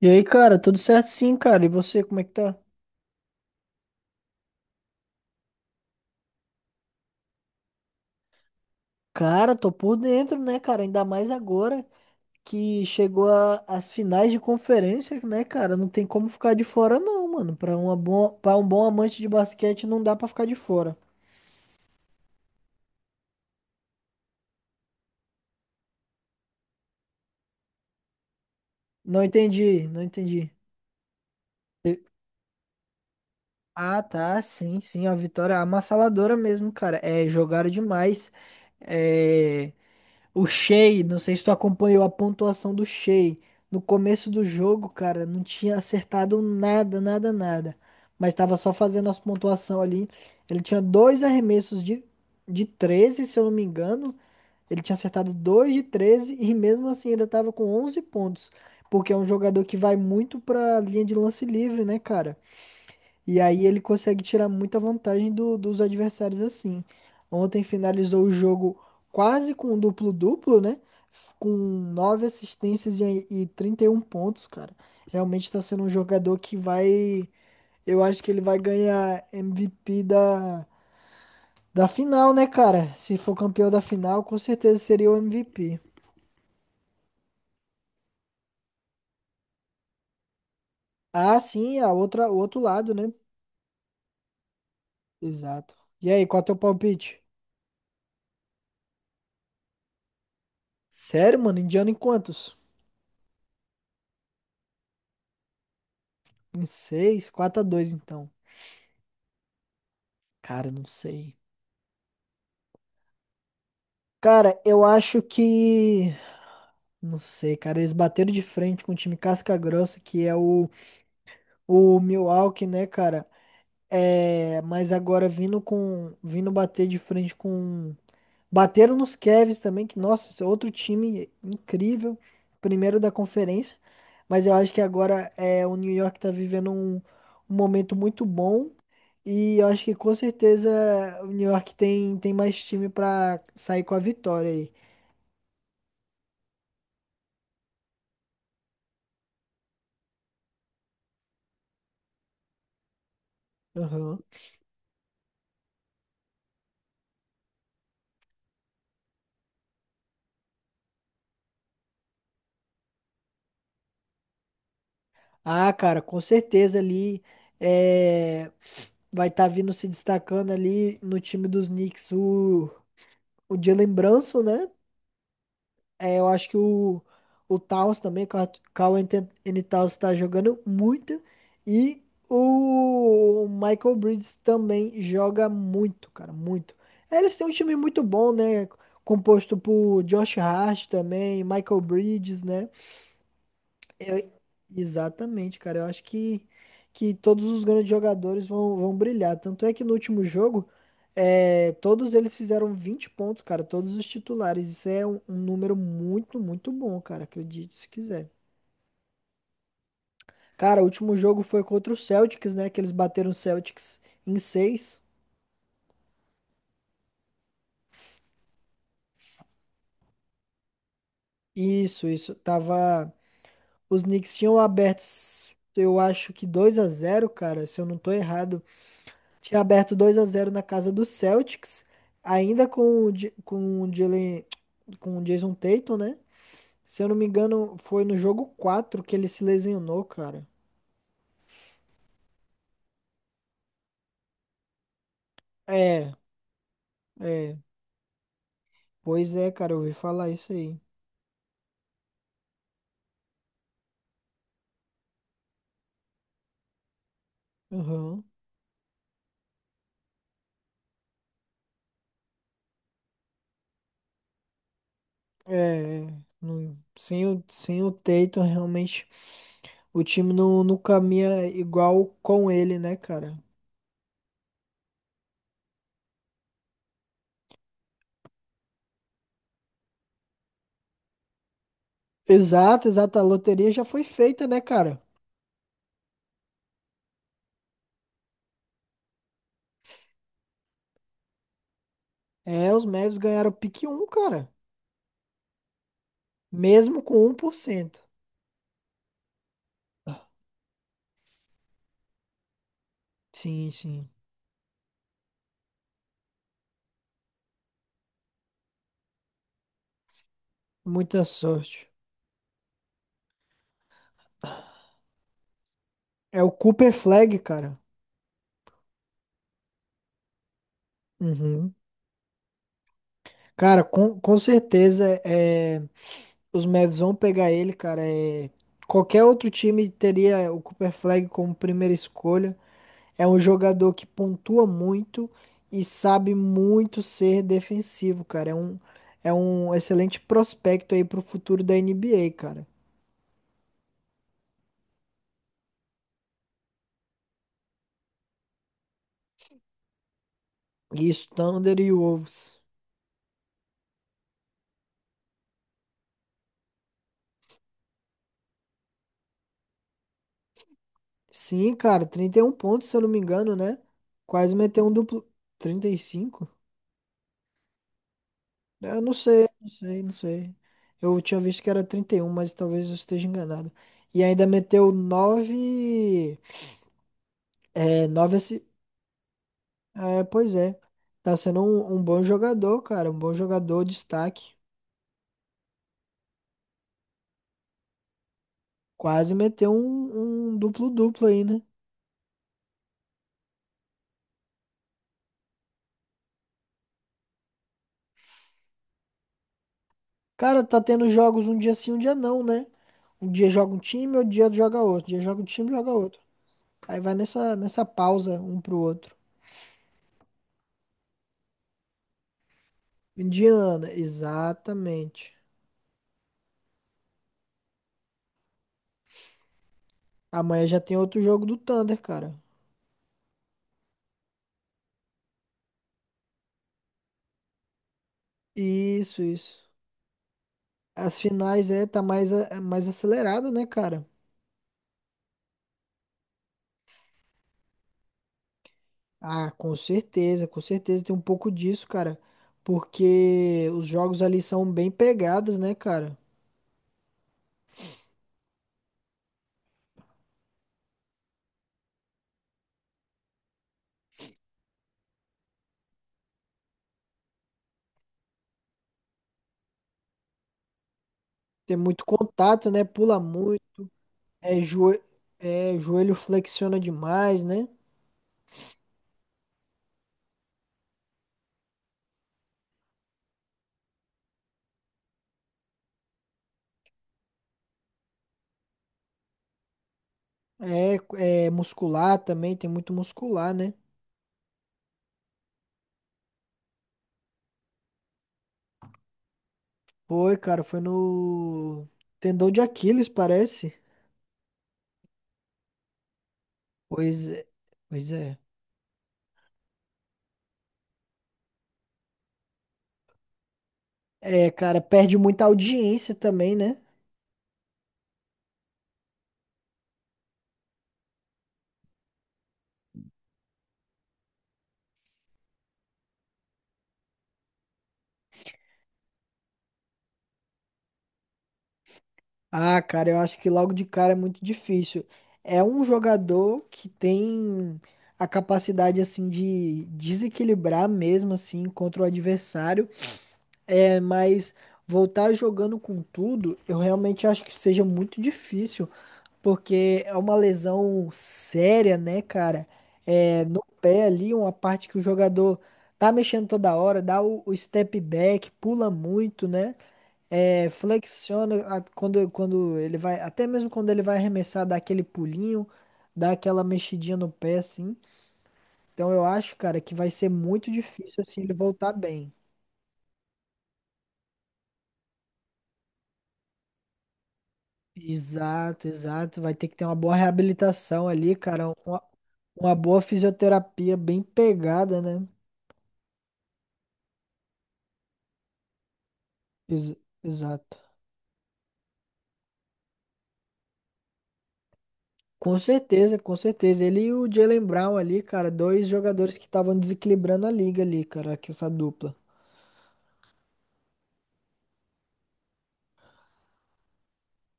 E aí, cara, tudo certo sim, cara. E você, como é que tá? Cara, tô por dentro, né, cara? Ainda mais agora que chegou as finais de conferência, né, cara? Não tem como ficar de fora, não, mano. Para um bom amante de basquete, não dá pra ficar de fora. Não entendi, não entendi. Ah, tá, sim, sim, a vitória é avassaladora mesmo, cara. É, jogaram demais. É. O Shea, não sei se tu acompanhou a pontuação do Shea. No começo do jogo, cara, não tinha acertado nada, nada, nada. Mas tava só fazendo as pontuações ali. Ele tinha dois arremessos de 13, se eu não me engano. Ele tinha acertado dois de 13 e mesmo assim ainda tava com 11 pontos. Porque é um jogador que vai muito pra linha de lance livre, né, cara? E aí ele consegue tirar muita vantagem dos adversários assim. Ontem finalizou o jogo quase com um duplo-duplo, né? Com nove assistências e 31 pontos, cara. Realmente está sendo um jogador que vai. Eu acho que ele vai ganhar MVP da final, né, cara? Se for campeão da final, com certeza seria o MVP. Ah, sim, a outra, o outro lado, né? Exato. E aí, qual é o teu palpite? Sério, mano? Indiana em quantos? Em seis, 4 a 2 então. Cara, eu não sei. Cara, eu acho que. Não sei, cara. Eles bateram de frente com o time casca-grossa, que é o Milwaukee, né, cara? É, mas agora vindo com, vindo bater de frente com, bateram nos Cavs também, que nossa, esse é outro time incrível, primeiro da conferência. Mas eu acho que agora é, o New York tá vivendo um momento muito bom e eu acho que com certeza o New York tem, tem mais time pra sair com a vitória aí. Aham. Ah, cara, com certeza ali é, vai estar vindo se destacando ali no time dos Knicks o Jalen Brunson, né? É, eu acho que o Towns também, o Carl Anthony Towns tá jogando muito. E o Michael Bridges também joga muito, cara, muito. É, eles têm um time muito bom, né? Composto por Josh Hart também, Michael Bridges, né? Eu- Exatamente, cara. Eu acho que todos os grandes jogadores vão brilhar. Tanto é que no último jogo, é, todos eles fizeram 20 pontos, cara. Todos os titulares. Isso é um número muito, muito bom, cara. Acredite se quiser. Cara, o último jogo foi contra o Celtics, né? Que eles bateram o Celtics em seis. Isso, isso. Tava. Os Knicks tinham abertos, eu acho que 2 a zero, cara. Se eu não tô errado. Tinha aberto 2 a zero na casa do Celtics, ainda com o, com o Jalen, com o Jason Tatum, né? Se eu não me engano, foi no jogo 4 que ele se lesionou, cara. É, é. Pois é, cara, eu ouvi falar isso aí. Aham. É, é. Não, sem o, sem o Tatum, realmente, o time não, não caminha igual com ele, né, cara? Exato, exato. A loteria já foi feita, né, cara? É, os Mavs ganharam o pick um, cara. Mesmo com 1%. Sim, sim. Muita sorte. É o Cooper Flag, cara. Uhum. Cara, com certeza é, os Mavs vão pegar ele, cara. É, qualquer outro time teria o Cooper Flag como primeira escolha. É um jogador que pontua muito e sabe muito ser defensivo, cara. É um excelente prospecto aí pro futuro da NBA, cara. E isso, Thunder e Wolves. Sim, cara, 31 pontos, se eu não me engano, né? Quase meteu um duplo. 35. É, eu não sei, não sei, não sei. Eu tinha visto que era 31, mas talvez eu esteja enganado. E ainda meteu nove. É, 9. É, pois é. Tá sendo um bom jogador, cara. Um bom jogador, destaque. Quase meteu um duplo-duplo aí, né? Cara, tá tendo jogos um dia sim, um dia não, né? Um dia joga um time, outro dia joga outro. Um dia joga um time, joga outro. Aí vai nessa pausa um pro outro. Indiana, exatamente. Amanhã já tem outro jogo do Thunder, cara. Isso, isso. As finais é, tá mais, é mais acelerado, né, cara? Ah, com certeza tem um pouco disso, cara. Porque os jogos ali são bem pegados, né, cara? Tem muito contato, né? Pula muito. É, é, joelho flexiona demais, né? É, é muscular também, tem muito muscular, né? Foi, cara, foi no tendão de Aquiles, parece. Pois é. Pois é. É, cara, perde muita audiência também, né? Ah, cara, eu acho que logo de cara é muito difícil. É um jogador que tem a capacidade, assim, de desequilibrar mesmo, assim, contra o adversário. É, mas voltar jogando com tudo, eu realmente acho que seja muito difícil. Porque é uma lesão séria, né, cara? É, no pé ali, uma parte que o jogador tá mexendo toda hora, dá o step back, pula muito, né? É, flexiona quando, quando ele vai, até mesmo quando ele vai arremessar, dá aquele pulinho, dá aquela mexidinha no pé, assim. Então eu acho, cara, que vai ser muito difícil, assim, ele voltar bem. Exato, exato. Vai ter que ter uma boa reabilitação ali, cara. Uma boa fisioterapia bem pegada, né? Ex- exato. Com certeza, com certeza. Ele e o Jaylen Brown ali, cara, dois jogadores que estavam desequilibrando a liga ali, cara, que essa dupla.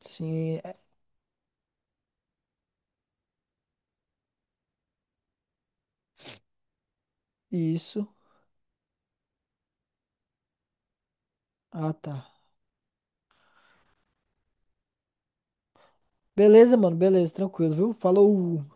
Sim, é, isso. Ah, tá. Beleza, mano, beleza, tranquilo, viu? Falou.